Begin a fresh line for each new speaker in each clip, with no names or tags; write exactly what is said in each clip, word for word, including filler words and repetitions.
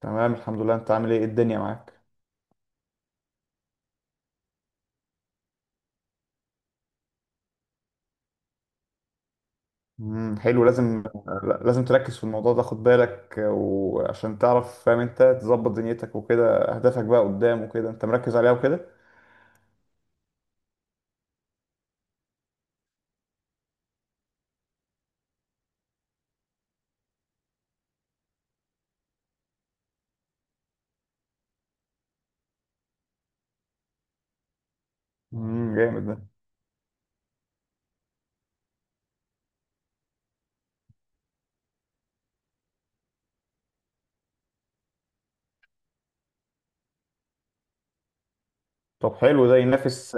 تمام، الحمد لله. انت عامل ايه؟ الدنيا معاك؟ امم حلو. لازم لازم تركز في الموضوع ده، خد بالك، وعشان تعرف فاهم انت، تظبط دنيتك وكده، اهدافك بقى قدام وكده انت مركز عليها وكده. امم جامد ده. طب حلو ده ينافس.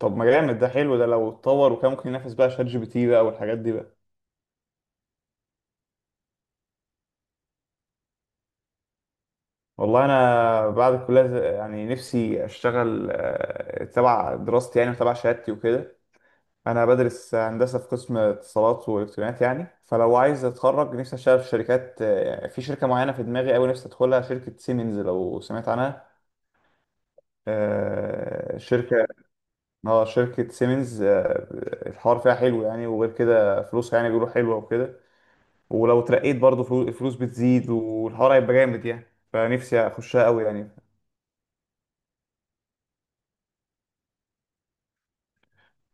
طب ما جامد ده، حلو ده لو اتطور وكان ممكن ينافس بقى شات جي بي تي بقى والحاجات دي بقى. والله انا بعد الكليه يعني نفسي اشتغل، آه، تبع دراستي يعني وتبع شهادتي وكده. انا بدرس هندسه في قسم اتصالات والكترونيات، يعني فلو عايز اتخرج نفسي اشتغل في شركات، آه، في شركه معينه في دماغي قوي نفسي ادخلها، شركه سيمنز لو سمعت عنها. آه، شركه. اه، شركه سيمنز. آه، الحوار فيها حلو يعني، وغير كده فلوسها يعني بيقولوا حلوه وكده. ولو اترقيت برضه فلو- الفلوس بتزيد والحوار هيبقى جامد يعني. فنفسي اخشها قوي يعني.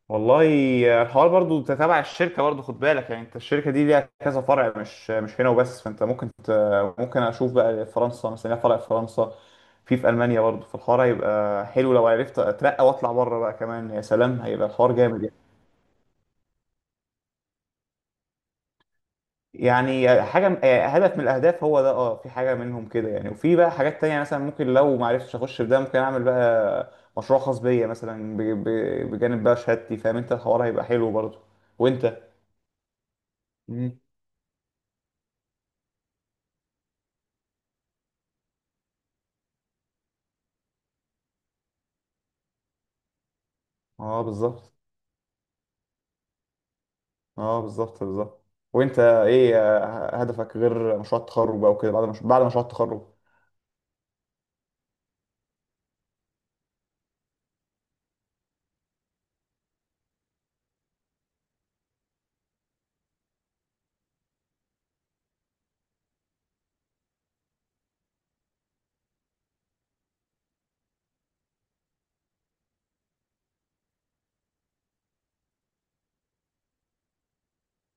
والله الحوار برضو انت تبع الشركه برضو، خد بالك يعني، انت الشركه دي ليها كذا فرع، مش مش هنا وبس، فانت ممكن ت... ممكن اشوف بقى فرنسا مثلا، ليها فرع في فرنسا، في في المانيا برضو، فالحوار هيبقى حلو لو عرفت اترقى واطلع بره بقى كمان. يا سلام، هيبقى الحوار جامد. يعني يعني حاجه، هدف من الاهداف هو ده. اه، في حاجه منهم كده يعني، وفي بقى حاجات تانية. مثلا ممكن لو ما عرفتش اخش في ده، ممكن اعمل بقى مشروع خاص بيا مثلا، ب... ب... بجانب بقى شهادتي. فاهم انت الحوار هيبقى حلو برضو. وانت؟ مم. اه بالظبط. اه، بالظبط بالظبط. وانت ايه آه، هدفك غير مشروع التخرج بقى وكده؟ بعد مش... بعد مشروع التخرج؟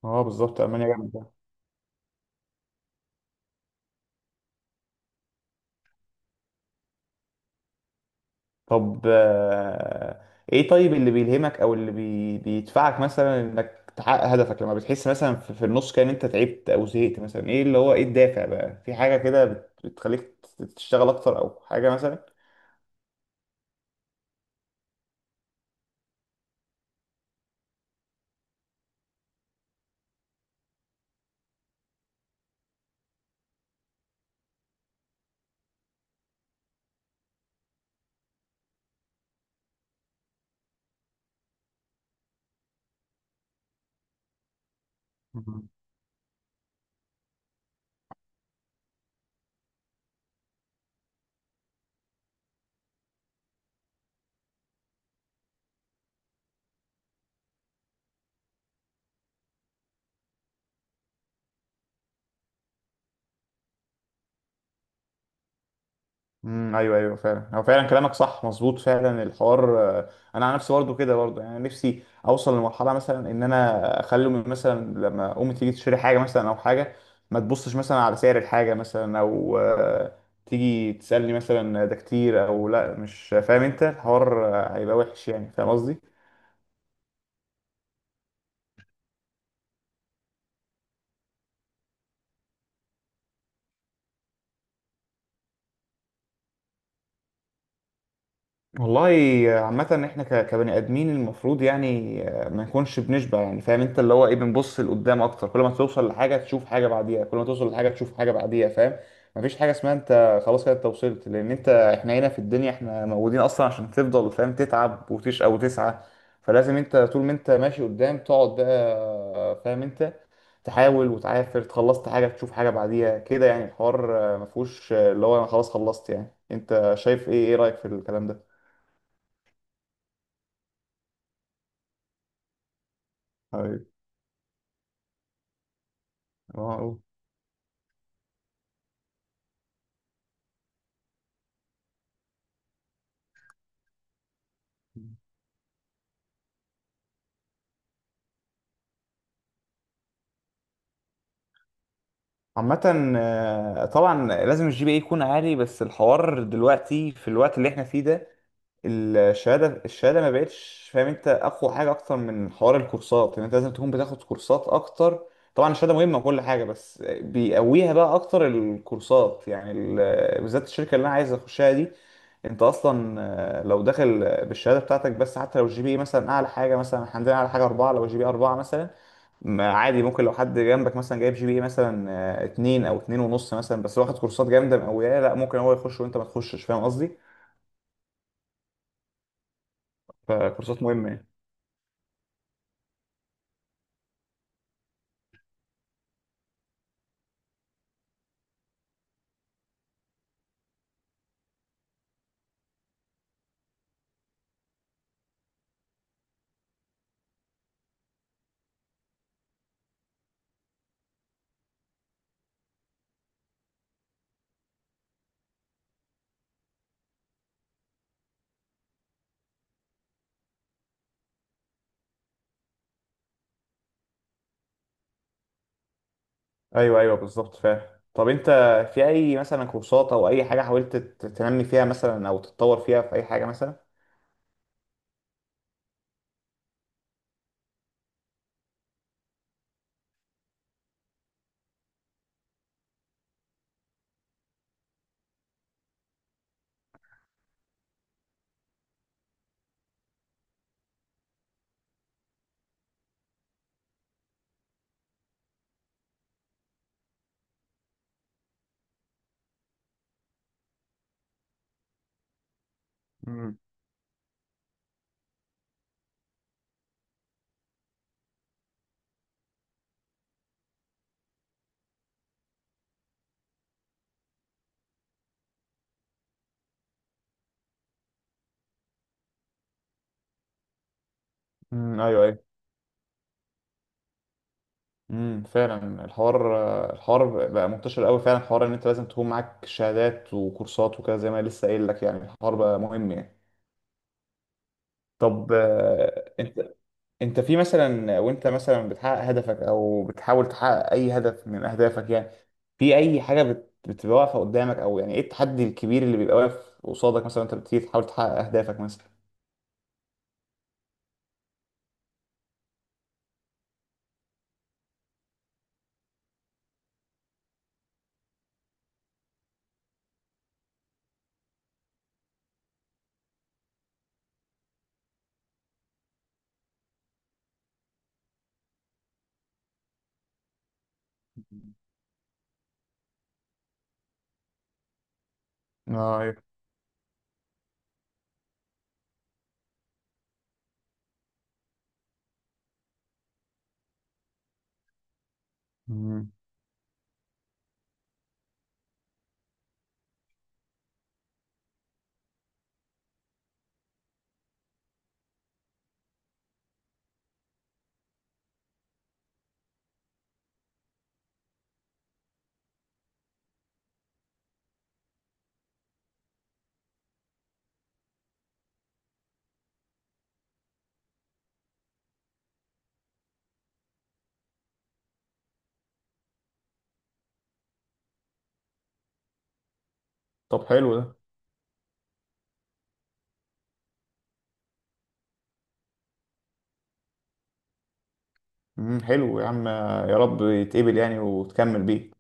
اه بالظبط، المانيا جامده. طب آه، ايه، طيب اللي بيلهمك، او اللي بي... بيدفعك مثلا انك تحقق هدفك لما بتحس مثلا في, في النص كده ان انت تعبت او زهقت مثلا، ايه اللي هو ايه الدافع بقى؟ في حاجه كده بت... بتخليك تشتغل اكتر او حاجه مثلا؟ امم ايوه ايوه، فعلا هو فعلا كلامك صح مظبوط فعلا. الحوار آه، انا على نفسي برضه كده برضه يعني، نفسي اوصل لمرحله مثلا ان انا اخلي امي مثلا، لما امي تيجي تشتري حاجه مثلا او حاجه، ما تبصش مثلا على سعر الحاجه مثلا، او آه، تيجي تسالني مثلا ده كتير او لا. مش فاهم انت الحوار آه، هيبقى وحش يعني. فاهم قصدي؟ والله عامة احنا ك- كبني ادمين المفروض يعني آه، ما نكونش بنشبع. يعني فاهم انت اللي هو ايه، بنبص لقدام اكتر. كل ما توصل لحاجة تشوف حاجة بعديها، كل ما توصل لحاجة تشوف حاجة بعديها، فاهم. مفيش حاجة اسمها انت خلاص كده انت وصلت، لان انت احنا هنا في الدنيا احنا موجودين اصلا عشان تفضل فاهم تتعب وتشقى وتسعى. فلازم انت طول ما انت ماشي قدام تقعد بقى آه، فاهم انت، تحاول وتعافر. خلصت حاجة تشوف حاجة بعديها كده يعني. الحوار آه، مفهوش آه، اللي هو انا خلاص خلصت يعني. انت شايف ايه؟ ايه رأيك في الكلام ده؟ طيب. واو. عامة آه، طبعا لازم الجي بي اي يكون عالي، بس الحوار دلوقتي في الوقت اللي احنا فيه ده، الشهادة الشهادة ما بقتش فاهم انت اقوى حاجة اكتر من حوار الكورسات يعني. انت لازم تكون بتاخد كورسات اكتر. طبعا الشهادة مهمة وكل حاجة، بس بيقويها بقى اكتر الكورسات يعني، ال- بالذات الشركة اللي انا عايز اخشها دي. انت اصلا آه، لو داخل بالشهادة بتاعتك بس، حتى لو الجي بي اي مثلا اعلى حاجة مثلا، إحنا عندنا اعلى حاجة اربعة، لو الجي بي اي اربعة مثلا، ما عادي، ممكن لو حد جنبك مثلا جايب جي بي اي مثلا آه، اتنين او اتنين ونص مثلا، بس واخد كورسات جامده مقوياه، لا ممكن هو يخش وانت ما تخشش. فاهم قصدي؟ فكورسات مهمه يعني. ايوه ايوه بالظبط فاهم. طب انت في اي مثلا كورسات او اي حاجه حاولت ت- تنمي فيها مثلا او تتطور فيها في اي حاجه مثلا؟ مم. امم ايوه ايوه. امم فعلا الحوار، الحوار بقى منتشر قوي فعلا، حوار ان انت لازم تكون معاك شهادات وكورسات وكده، زي ما لسه قايل لك يعني. الحوار بقى مهم يعني. طب آه، انت في مثلا وانت مثلا بتحقق هدفك او بتحاول تحقق اي هدف من اهدافك يعني، في اي حاجه بت- بتبقى واقفه قدامك؟ او يعني ايه التحدي الكبير اللي بيبقى واقف قصادك مثلا انت بتيجي تحاول تحقق اهدافك مثلا؟ اه ايوه. مم. طب حلو ده. مم، حلو يا عم. يا رب يتقبل يعني وتكمل بيه.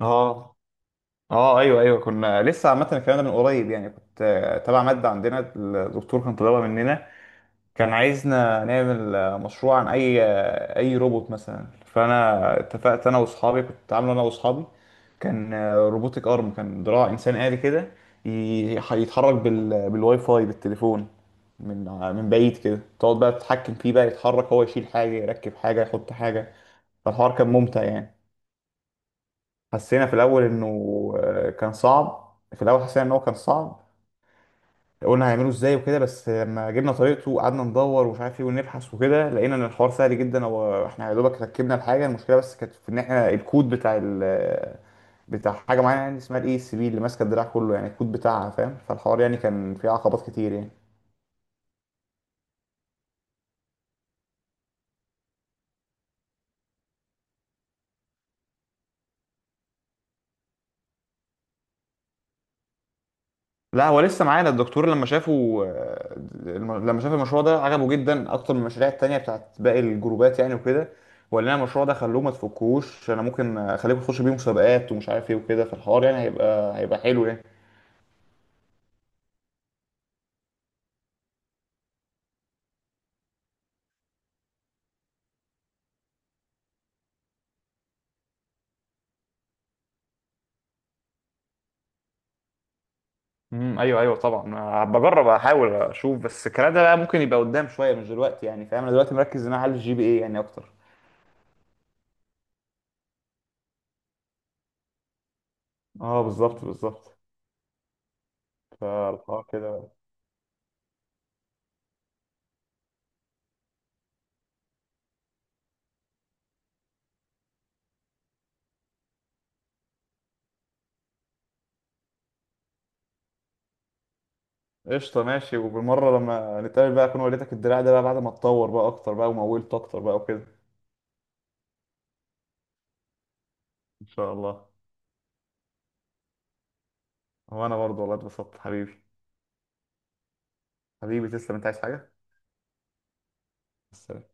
اه. اه ايوه ايوه، كنا لسه عامه الكلام ده من قريب يعني. كنت آه، تبع ماده عندنا الدكتور كان طالبها مننا، كان عايزنا نعمل آه، مشروع عن اي، آه، اي روبوت مثلا. فانا اتفقت انا واصحابي، كنت عامله انا واصحابي، كان آه، روبوتك ارم، كان دراع انسان آلي كده، ي- يتحرك بال... بالواي فاي بالتليفون، من ع- من بعيد كده، تقعد بقى تتحكم فيه بقى يتحرك هو، يشيل حاجه، يركب حاجه، يحط حاجه. فالحوار كان ممتع يعني. حسينا في الاول انه آه، كان صعب. في الاول حسينا ان هو كان صعب، قلنا هيعملوا ازاي وكده، بس لما جبنا طريقته وقعدنا ندور ومش عارف ايه ونبحث وكده، لقينا ان الحوار سهل جدا، هو احنا يا دوبك ركبنا الحاجه. المشكله بس كانت في ان احنا الكود بتاع ال بتاع حاجه معينه يعني، اسمها الاي سي بي اللي ماسكه الدراع كله يعني، الكود بتاعها فاهم. فالحوار يعني كان فيه عقبات كتير يعني. لا، هو لسه معانا الدكتور لما شافه، آه، الم- لما شاف المشروع ده عجبه جدا اكتر من المشاريع التانية بتاعت باقي الجروبات يعني وكده. وقال لنا المشروع ده خلوه ما تفكوش، انا ممكن اخليكم تخشوا بيه مسابقات ومش عارف ايه وكده. فالحوار يعني هيبقى هيبقى حلو يعني. امم ايوه ايوه طبعا. أه، بجرب احاول اشوف، بس الكلام ده بقى ممكن يبقى قدام شويه مش دلوقتي يعني فاهم. انا دلوقتي مركز ان انا اعلي الجي بي اي يعني اكتر. اه بالظبط بالظبط. فالحوار كده. قشطه ماشي. وبالمره لما نتقابل بقى اكون وريتك الدراع ده بقى بعد ما اتطور بقى اكتر بقى ومولت اكتر بقى وكده. ان شاء الله. وانا برضه والله اتبسطت حبيبي. حبيبي تسلم، انت عايز حاجه؟ السلام.